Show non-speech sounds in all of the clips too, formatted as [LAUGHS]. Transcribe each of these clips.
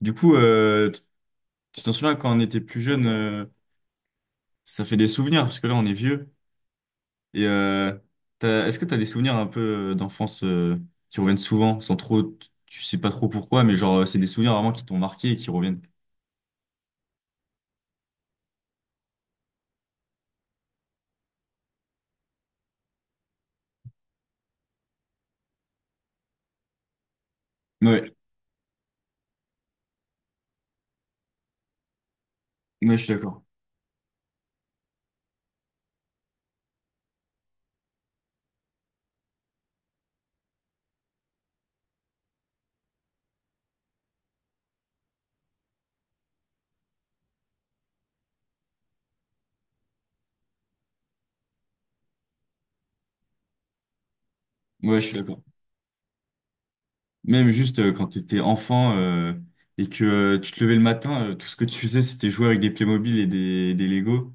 Du coup, tu t'en souviens quand on était plus jeune, ça fait des souvenirs parce que là on est vieux. Et est-ce que t'as des souvenirs un peu d'enfance qui reviennent souvent, sans trop, tu sais pas trop pourquoi, mais genre c'est des souvenirs vraiment qui t'ont marqué et qui reviennent. Ouais, ouais, je suis d'accord. Ouais, je suis d'accord. Même juste quand t'étais enfant et que tu te levais le matin, tout ce que tu faisais c'était jouer avec des Playmobil et des Lego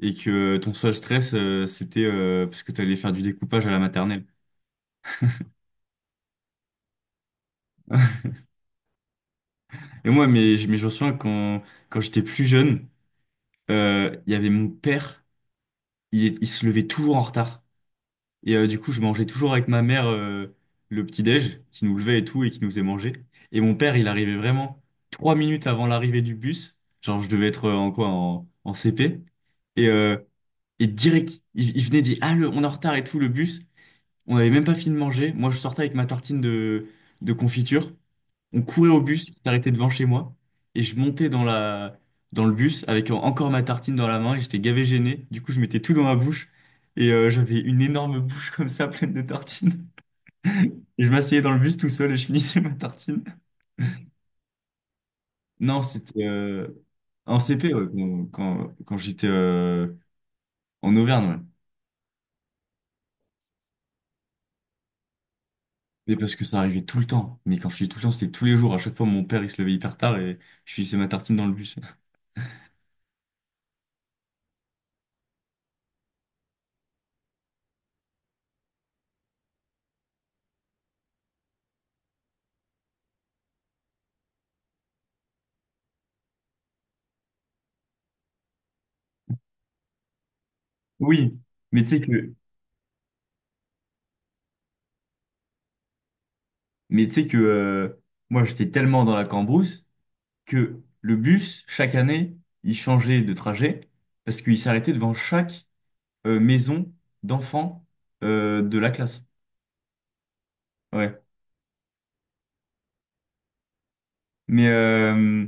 et que ton seul stress c'était parce que t'allais faire du découpage à la maternelle. Et moi, mais, mais je me souviens quand, quand j'étais plus jeune, il y avait mon père, il se levait toujours en retard. Et du coup, je mangeais toujours avec ma mère le petit-déj, qui nous levait et tout, et qui nous faisait manger. Et mon père, il arrivait vraiment 3 minutes avant l'arrivée du bus. Genre, je devais être en quoi, en CP. Et, euh, et direct, il venait dire, Ah, on est en retard et tout, le bus. On n'avait même pas fini de manger. Moi, je sortais avec ma tartine de confiture. On courait au bus qui s'arrêtait devant chez moi et je montais dans le bus avec encore ma tartine dans la main et j'étais gavé gêné. Du coup, je mettais tout dans ma bouche et j'avais une énorme bouche [LAUGHS] comme ça pleine de tartines. [LAUGHS] Et je m'asseyais dans le bus tout seul et je finissais ma tartine. Non, c'était en CP, ouais, quand j'étais en Auvergne. Ouais. Mais parce que ça arrivait tout le temps. Mais quand je dis tout le temps, c'était tous les jours. À chaque fois, mon père il se levait hyper tard et je finissais ma tartine dans le bus. [LAUGHS] Oui, mais tu sais que mais tu sais que moi, j'étais tellement dans la cambrousse que le bus, chaque année, il changeait de trajet parce qu'il s'arrêtait devant chaque maison d'enfants de la classe. Ouais. Mais, euh,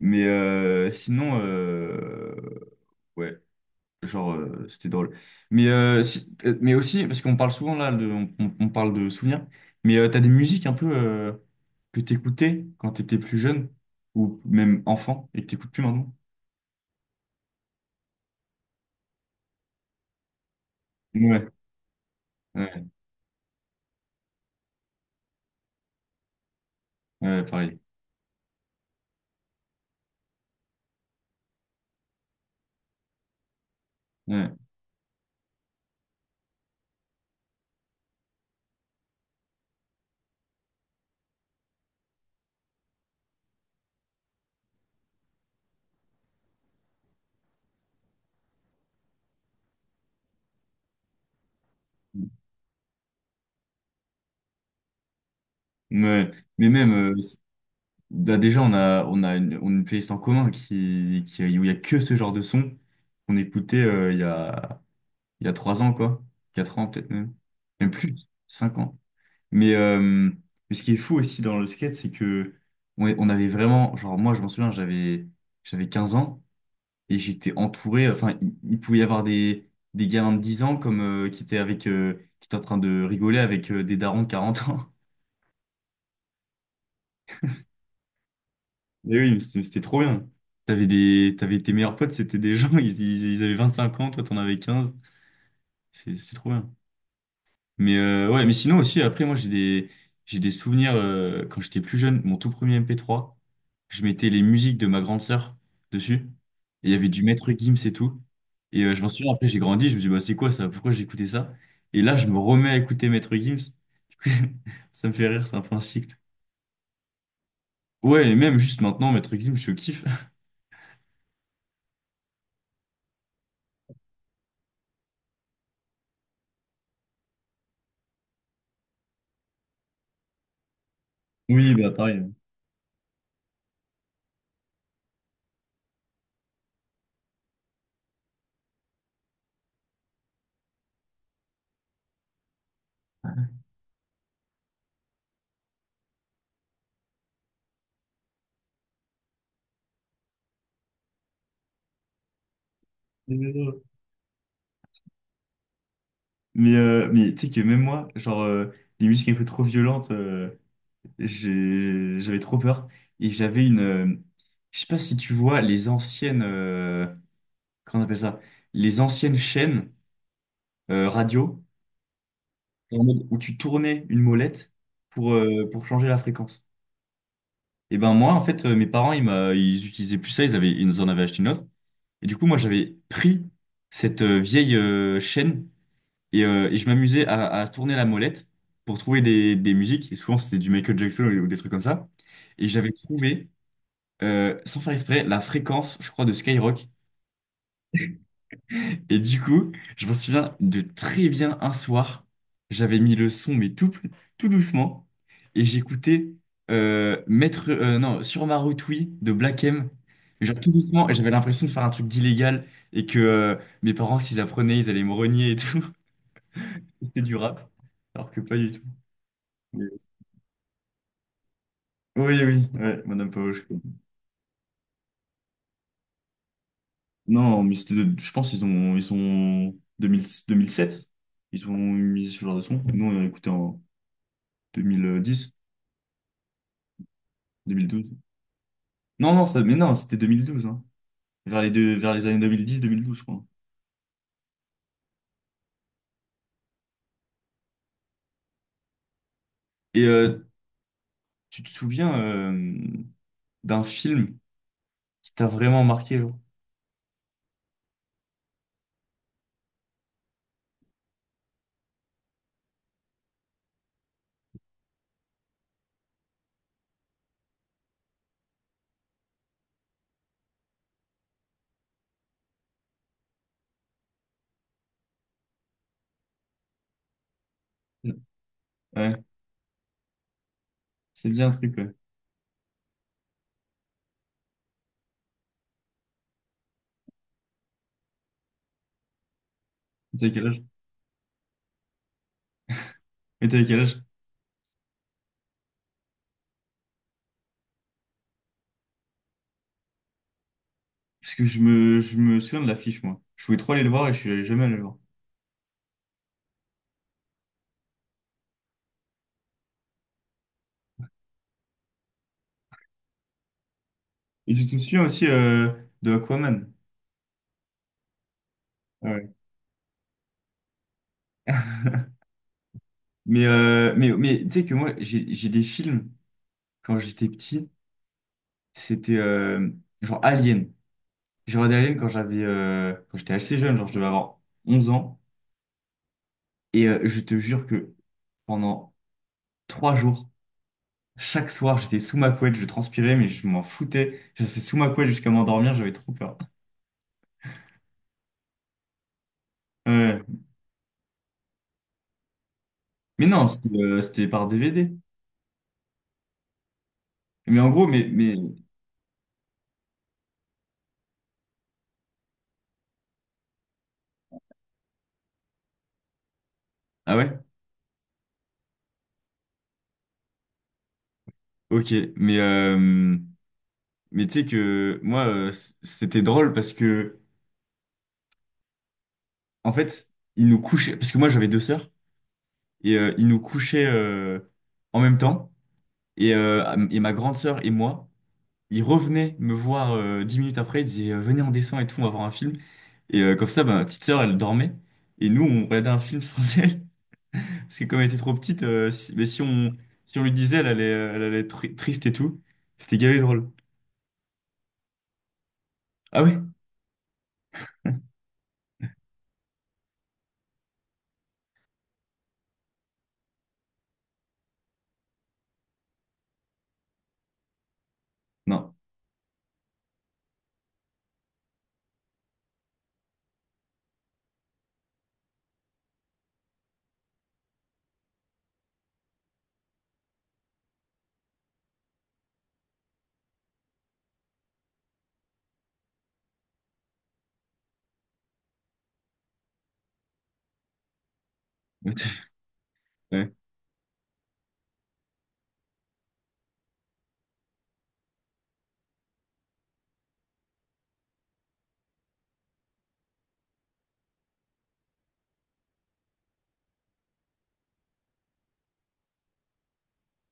mais sinon, ouais, genre, c'était drôle. Mais, si- mais aussi, parce qu'on parle souvent là, on parle de souvenirs, mais t'as des musiques un peu que t'écoutais quand t'étais plus jeune ou même enfant et que t'écoutes plus maintenant? Ouais. Ouais, ouais, pareil. Ouais. Mais, mais même, bah, déjà, on a une playlist en commun qui, où il n'y a que ce genre de son qu'on écoutait il y a 3 ans, quoi. Quatre ans, peut-être même. Même plus, 5 ans. Mais, euh, mais ce qui est fou aussi dans le skate, c'est que on avait vraiment, genre, moi, je m'en souviens, j'avais 15 ans et j'étais entouré, enfin, il pouvait y avoir des gamins de 10 ans comme, qui étaient avec, qui étaient en train de rigoler avec des darons de 40 ans. Mais oui, mais c'était trop bien. T'avais tes meilleurs potes, c'était des gens, [LAUGHS] ils avaient 5 ans, toi t'en avais 15. C'est trop bien. Ouais, mais sinon aussi, après, moi j'ai des souvenirs quand j'étais plus jeune, mon tout premier MP3, je mettais les musiques de ma grande sœur dessus. Et il y avait du Maître Gims et tout. Et je m'en souviens, après j'ai grandi, je me dis, bah c'est quoi ça? Pourquoi j'écoutais ça? Et là, je me remets à écouter Maître Gims. [LAUGHS] Ça me fait rire, c'est un peu un cycle. Ouais, et même juste maintenant, Maître Gims, je kiffe. [LAUGHS] Oui, bah pareil. Mais tu sais que même moi, genre, les musiques un peu trop violentes, j'avais trop peur. Et j'avais une. Je sais pas si tu vois les anciennes. Comment on appelle ça? Les anciennes chaînes radio, en mode où tu tournais une molette pour changer la fréquence. Et ben moi, en fait, mes parents, ils utilisaient plus ça, ils en avaient acheté une autre. Et du coup, moi, j'avais pris cette vieille chaîne. Et je m'amusais à se tourner la molette pour trouver des musiques. Et souvent, c'était du Michael Jackson ou des trucs comme ça. Et j'avais trouvé, sans faire exprès, la fréquence, je crois, de Skyrock. Et du coup, je m'en souviens de très bien un soir, j'avais mis le son, mais tout, tout doucement. Et j'écoutais Maître, non, Sur ma route, oui, de Black M. Mais genre tout doucement, et j'avais l'impression de faire un truc d'illégal et que mes parents, s'ils apprenaient, ils allaient me renier et tout. [LAUGHS] C'était du rap, alors que pas du tout. Oui, oui, ouais, Madame Paoche. Non, mais je pense qu'ils ont, ils sont 2007. Ils ont mis ce genre de son. Nous, on a écouté en 2010, 2012. Non, non, ça, mais non, c'était 2012, hein. Vers les années 2010-2012, je crois. Et tu te souviens d'un film qui t'a vraiment marqué, genre? Ouais, c'est bien un truc, ouais. Et t'avais quel âge? Et t'avais quel âge? Parce que je me souviens de l'affiche, moi. Je voulais trop aller le voir et je suis jamais allé le voir. Et tu te souviens aussi de Aquaman? Mais tu sais que moi, j'ai des films, quand j'étais petit, c'était genre Alien. J'ai regardé Alien quand j'étais assez jeune, genre je devais avoir 11 ans. Et je te jure que pendant 3 jours, chaque soir, j'étais sous ma couette, je transpirais, mais je m'en foutais. Je restais sous ma couette jusqu'à m'endormir, j'avais trop peur. Ouais. Mais non, c'était par DVD. Mais en gros, mais... Ah ouais? Ok. Mais tu sais que moi, c'était drôle parce que... En fait, ils nous couchaient, parce que moi j'avais 2 sœurs, et ils nous couchaient en même temps. Et ma grande sœur et moi, ils revenaient me voir 10 minutes après, ils disaient venez, on descend et tout, on va voir un film. Et comme ça, bah, ma petite sœur, elle dormait. Et nous, on regardait un film sans [LAUGHS] elle. Parce que comme elle était trop petite, si on lui disait, elle allait être triste et tout. C'était gavé de drôle. Ah ouais? Non. [LAUGHS] Ouais.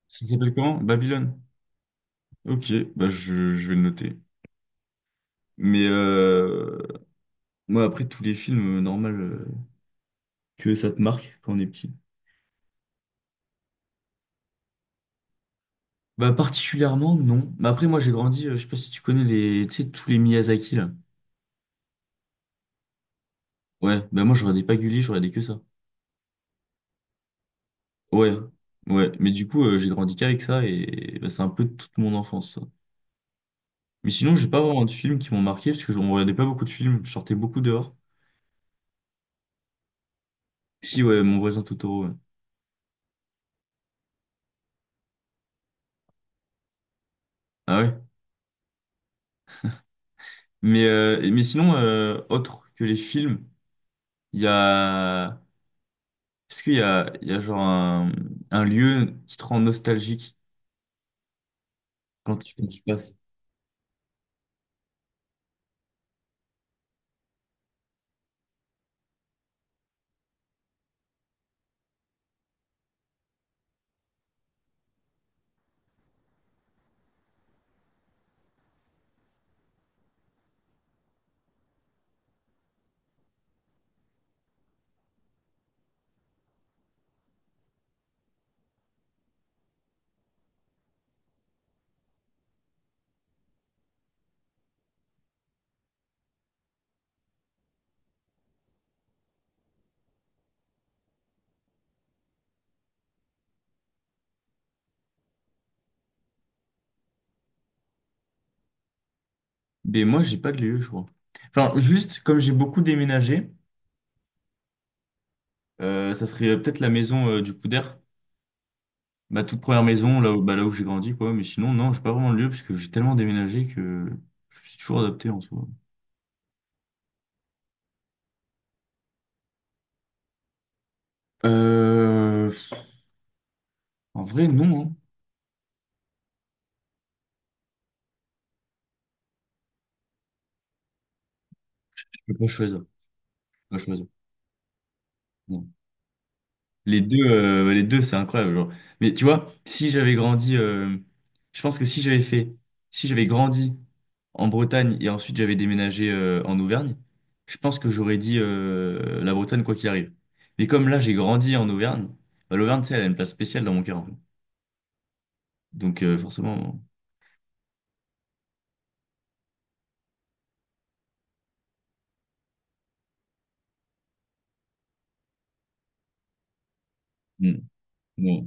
Ça s'appelle comment? Babylone. Ok, bah je vais le noter. Mais moi, après, tous les films, normal, que ça te marque quand on est petit. Bah, particulièrement, non. Mais après, moi, j'ai grandi, je sais pas si tu connais tu sais, tous les Miyazaki, là. Ouais, bah, moi, je regardais pas Gulli, je regardais que ça. Ouais, ouais. Mais du coup, j'ai grandi qu'avec ça et bah, c'est un peu toute mon enfance, ça. Mais sinon, j'ai pas vraiment de films qui m'ont marqué parce que je on regardait pas beaucoup de films, je sortais beaucoup dehors. Si, ouais, Mon voisin Totoro, ouais. Ah ouais. Mais sinon, autre que les films, il y a. Est-ce qu'il y a genre un lieu qui te rend nostalgique quand quand tu passes? Mais moi, j'ai pas de lieu, je crois. Enfin, juste, comme j'ai beaucoup déménagé, ça serait peut-être la maison du coup d'air. Ma toute première maison, là où, bah, là où j'ai grandi, quoi. Mais sinon, non, j'ai pas vraiment de lieu, parce que j'ai tellement déménagé que je me suis toujours adapté en soi. Euh, En vrai, non, hein. Je peux pas choisir. Je peux pas choisir. Les deux, c'est incroyable, genre. Mais tu vois, si j'avais grandi, je pense que si j'avais grandi en Bretagne et ensuite j'avais déménagé en Auvergne, je pense que j'aurais dit la Bretagne quoi qu'il arrive. Mais comme là j'ai grandi en Auvergne, bah, l'Auvergne, tu sais, elle a une place spéciale dans mon cœur, en fait. Donc forcément. Mm, ouais,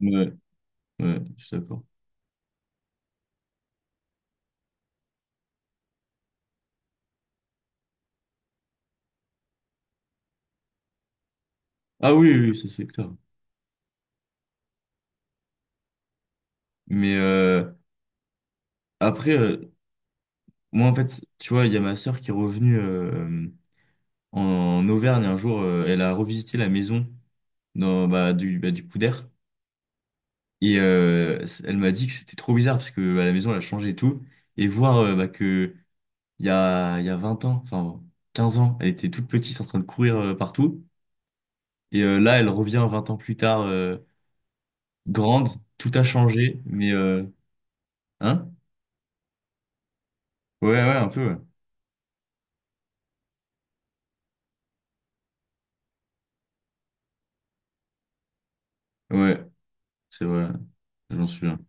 ouais, ouais, je suis d'accord. Ah oui, oui, oui, ça c'est clair. Mais après, moi en fait, tu vois, il y a ma sœur qui est revenue, en Auvergne un jour, elle a revisité la maison bah, bah, du coup. Elle m'a dit que c'était trop bizarre parce que bah, la maison elle a changé et tout. Et voir bah, que il y a 20 ans, enfin 15 ans, elle était toute petite en train de courir partout. Et là, elle revient 20 ans plus tard, grande, tout a changé. Hein? Ouais, ouais, un peu. Ouais, ouais, c'est vrai, je m'en souviens.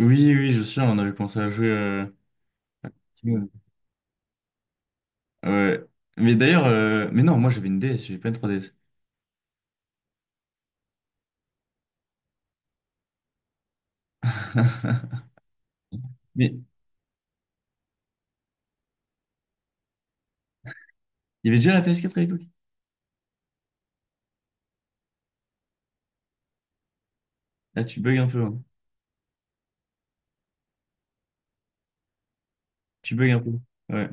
Oui, oui, on avait commencé à jouer. Ouais. Mais d'ailleurs, non, moi j'avais une DS, j'avais pas une 3DS. [LAUGHS] Mais il y avait déjà la PS4 à l'époque? Là, tu bugs un peu, hein. Tu bugs un peu. Ouais.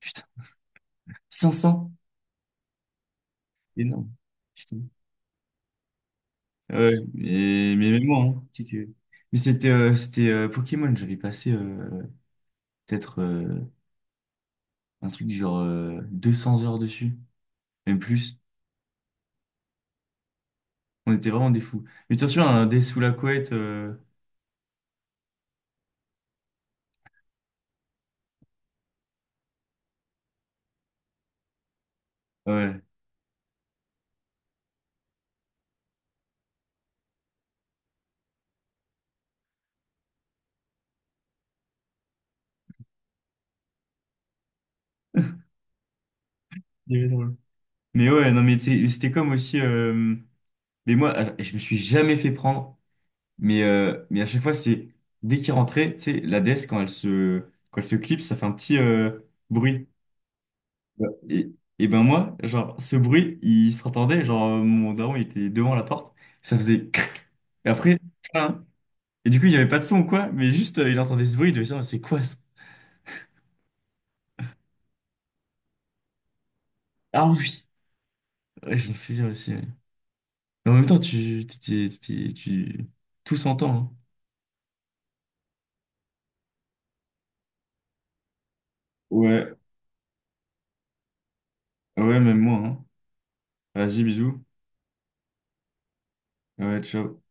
Putain. 500. Énorme. Putain. Ouais, mais même moi, hein, c'est que... Mais c'était Pokémon, j'avais passé peut-être un truc du genre 200 heures dessus, même plus. On était vraiment des fous. Mais attention, un dé sous la couette. Ouais. [LAUGHS] Il est drôle. Mais ouais, non, mais c'était comme aussi... Mais moi, ah, je me suis jamais fait prendre. Mais à chaque fois, c'est dès qu'il rentrait, tu sais, la déesse, quand quand elle se clipse, ça fait un petit bruit. Ouais. Et ben moi, genre, ce bruit, il s'entendait. Genre, mon daron, il était devant la porte, ça faisait crac. Et après, crin. Et du coup, il n'y avait pas de son ou quoi, mais juste, il entendait ce bruit, il devait se dire, c'est quoi ça? Ah oui, ouais, je me souviens aussi, ouais. Mais en même temps, tu, t'étais- t'étais- tu, tout s'entend, hein. Ouais, ouais, même moi, hein. Vas-y, bisous. Ouais, ciao.